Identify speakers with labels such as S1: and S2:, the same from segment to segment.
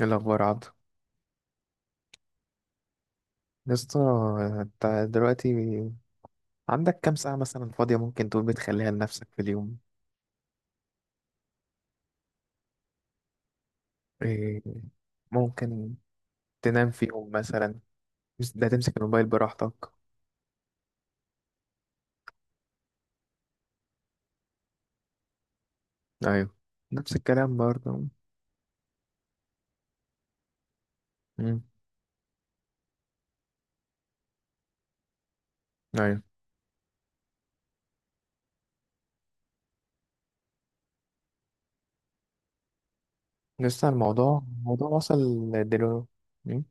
S1: ايه الاخبار يا عبدو، يا اسطى؟ انت دلوقتي عندك كام ساعه مثلا فاضيه ممكن تقول بتخليها لنفسك في اليوم؟ إيه، ممكن تنام فيهم مثلا؟ بس ده تمسك الموبايل براحتك. ايوه، نفس الكلام برضه. امم. ايوه. لسه الموضوع وصل دلوقتي؟ مم.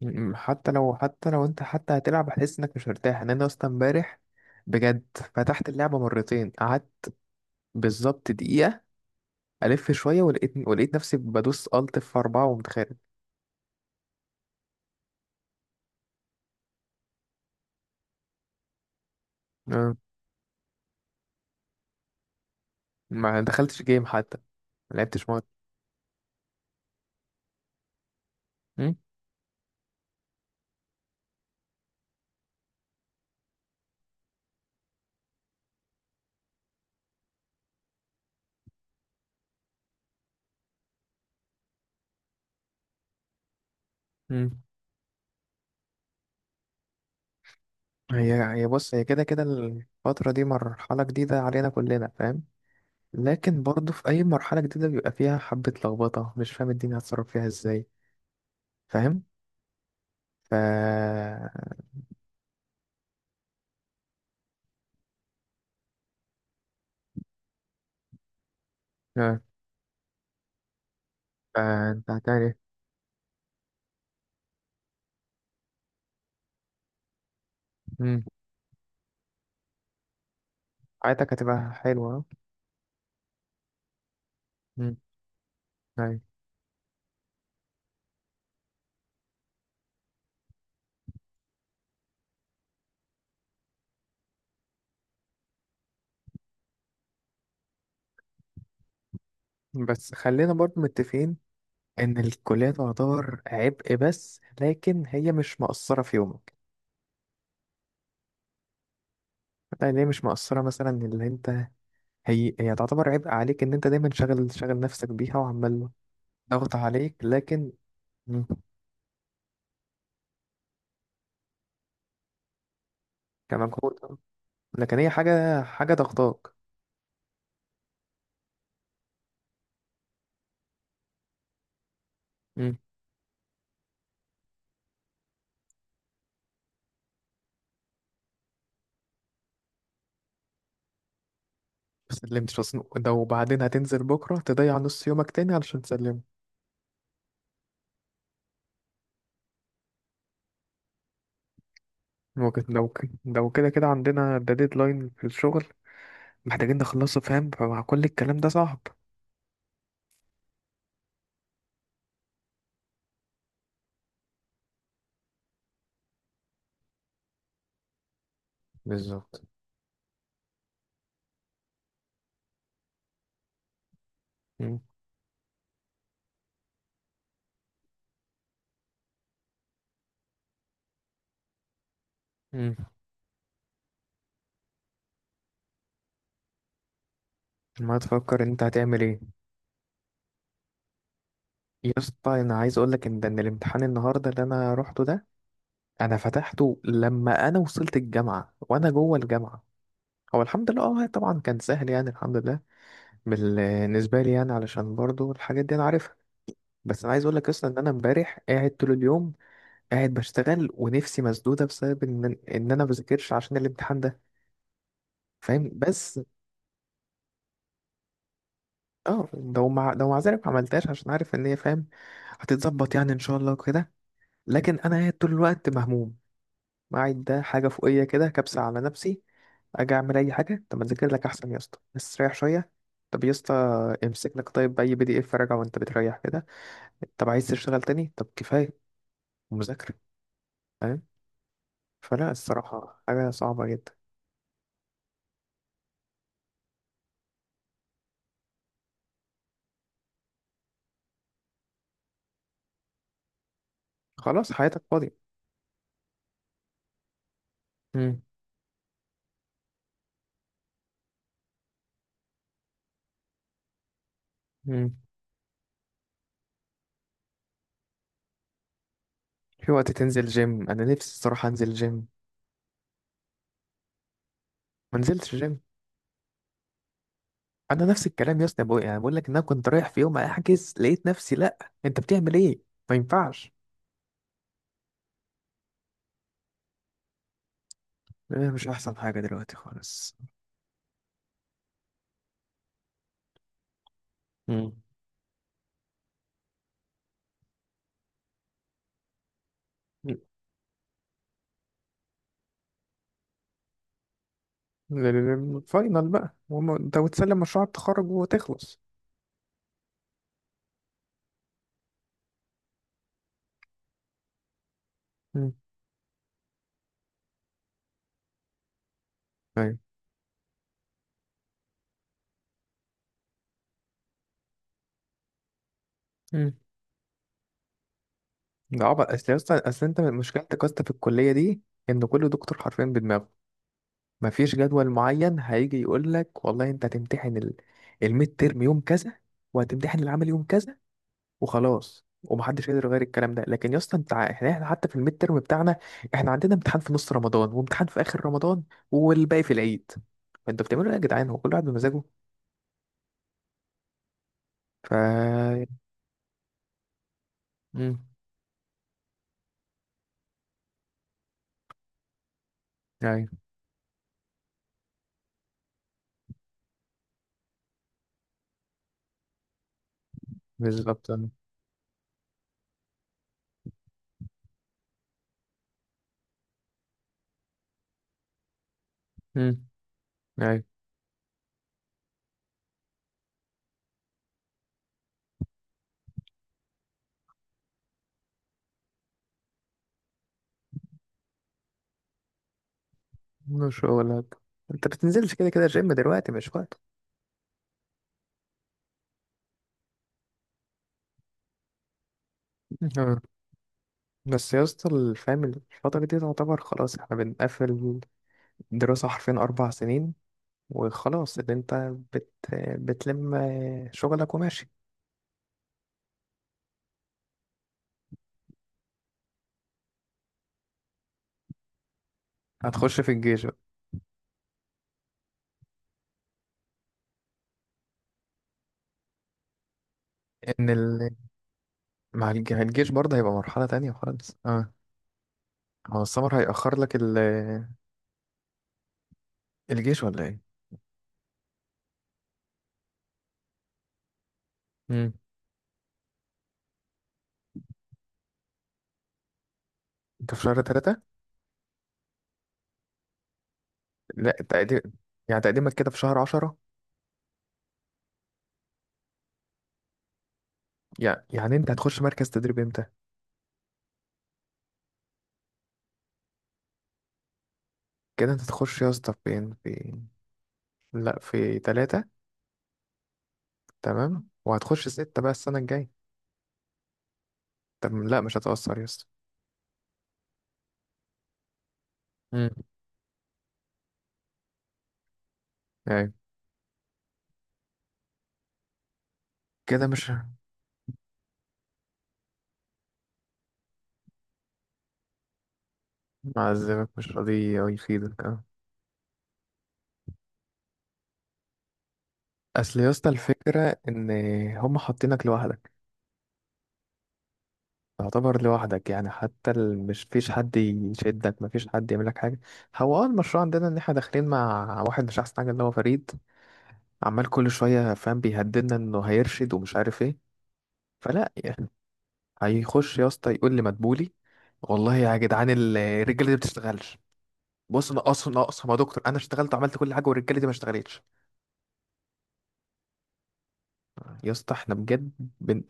S1: مم. حتى لو انت حتى هتلعب هتحس انك مش مرتاح، ان انا اصلا امبارح بجد فتحت اللعبه مرتين، قعدت بالظبط دقيقه. ألف شوية ولقيت نفسي بدوس ألت في 4 وقمت خارج. آه. ما دخلتش جيم حتى، ما لعبتش ماتش. مم. مم. هي هي بص، هي كده كده الفترة دي مرحلة جديدة علينا كلنا، فاهم؟ لكن برضه في أي مرحلة جديدة بيبقى فيها حبة لخبطة، مش فاهم الدنيا هتصرف فيها ازاي، فاهم. ف آه. فأنت هتعمل إيه؟ مم. حياتك هتبقى حلوة. مم. أيوة. بس خلينا برضه متفقين ان الكلية تعتبر عبء، بس لكن هي مش مقصرة في يومك. يعني هي مش مقصرة مثلا اللي انت، هي تعتبر عبء عليك ان انت دايما شاغل شاغل نفسك بيها وعمال ضغط عليك. لكن مم. كمجهود. لكن هي حاجة ضغطاك. مم. مسلمتش اصلا ده، وبعدين هتنزل بكرة تضيع نص يومك تاني علشان تسلمه. ممكن، لو كده كده عندنا ده ديدلاين في الشغل، محتاجين نخلصه، فاهم. فمع كل الكلام ده صعب. بالظبط. مم. مم. ما تفكر انت هتعمل ايه. يا اسطى انا عايز اقول لك ان الامتحان النهارده اللي انا روحته ده، انا فتحته لما انا وصلت الجامعه وانا جوه الجامعه. هو الحمد لله اه طبعا كان سهل، يعني الحمد لله بالنسبه لي، يعني علشان برضو الحاجات دي انا عارفها. بس انا عايز اقول لك اصلا ان انا امبارح قاعد طول اليوم، قاعد بشتغل ونفسي مسدوده بسبب ان انا بذاكرش عشان الامتحان ده، فاهم. بس اه، لو مع ذلك ما عملتهاش عشان عارف ان هي، فاهم، هتتظبط يعني ان شاء الله كده. لكن انا قاعد طول الوقت مهموم، قاعد ده حاجه فوقيه كده كبسه على نفسي. اجي اعمل اي حاجه، طب ما اذاكر لك احسن يا اسطى، بس ريح شويه. طب يا اسطى امسك لك طيب اي PDF راجع وانت بتريح كده. طب عايز تشتغل تاني، طب كفايه مذاكره، فاهم. فلا الصراحه حاجه صعبه جدا. خلاص، حياتك فاضيه. امم. امم. في وقت تنزل جيم، انا نفسي الصراحه انزل جيم. ما نزلتش جيم. انا نفس الكلام يا اسطى، بقول، يعني بقول لك ان انا كنت رايح في يوم احجز، لقيت نفسي، لا انت بتعمل ايه، ما ينفعش. إيه، مش احسن حاجة دلوقتي خالص. مم. الفاينل بقى، انت وتسلم مشروع التخرج وتخلص. مم. ايوه. مم. ده عبط، اصل يا اسطى، اصل انت مشكلتك يا اسطى في الكليه دي ان كل دكتور حرفيا بدماغه. مفيش جدول معين هيجي يقول لك والله انت هتمتحن الميد تيرم يوم كذا، وهتمتحن العمل يوم كذا، وخلاص ومحدش قادر يغير الكلام ده. لكن يا اسطى انت احنا حتى في الميد ترم بتاعنا احنا عندنا امتحان في نص رمضان، وامتحان في اخر رمضان، والباقي في العيد. فانتوا بتعملوا ايه يا جدعان، هو كل واحد بمزاجه. ف امم. ايوه. بالظبط. امم. ايوه. مش هو ولا حاجة. انت بتنزلش كده كده جيم دلوقتي، مش وقت. آه. بس يا اسطى، الفهم الفترة دي تعتبر خلاص احنا بنقفل دراسة حرفيا 4 سنين، وخلاص اللي انت بت... بتلم شغلك وماشي. هتخش في الجيش بقى. ان ال... مع الجيش برضه هيبقى مرحلة تانية خالص اه. هو السمر هيأخر لك الجيش ولا ايه. امم. انت في شهر 3. لا، تقديم، يعني تقديمك كده في شهر 10. يعني انت هتخش مركز تدريب امتى؟ كده انت هتخش يا اسطى فين، في، لا في 3. تمام، وهتخش 6 بقى السنة الجاية. طب لا، مش هتأثر يا اسطى. امم. يعني كده مش. معذبك، مش راضي يفيدك اه. اصل يا اسطى الفكرة ان هم حاطينك لوحدك، تعتبر لوحدك يعني، حتى مش فيش حد يشدك، مفيش حد يعمل لك حاجة. هو اه المشروع عندنا ان احنا داخلين مع واحد مش احسن حاجة اللي هو فريد، عمال كل شوية فاهم بيهددنا انه هيرشد ومش عارف ايه. فلا يعني هيخش يا اسطى يقول لي مدبولي والله يا جدعان الرجالة دي ما بتشتغلش. بص، نقص يا دكتور، انا اشتغلت وعملت كل حاجة والرجالة دي ما اشتغلتش. يا اسطى احنا بجد بن...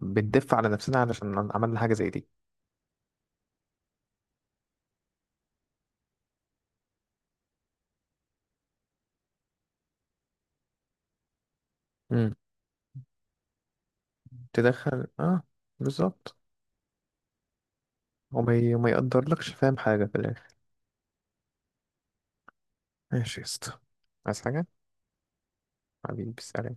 S1: بندف على نفسنا علشان عملنا حاجة زي دي. امم. تدخل اه. بالظبط. وما يقدرلكش فاهم حاجة في الآخر. ماشي يا اسطى، عايز حاجة؟ حبيبي سلام.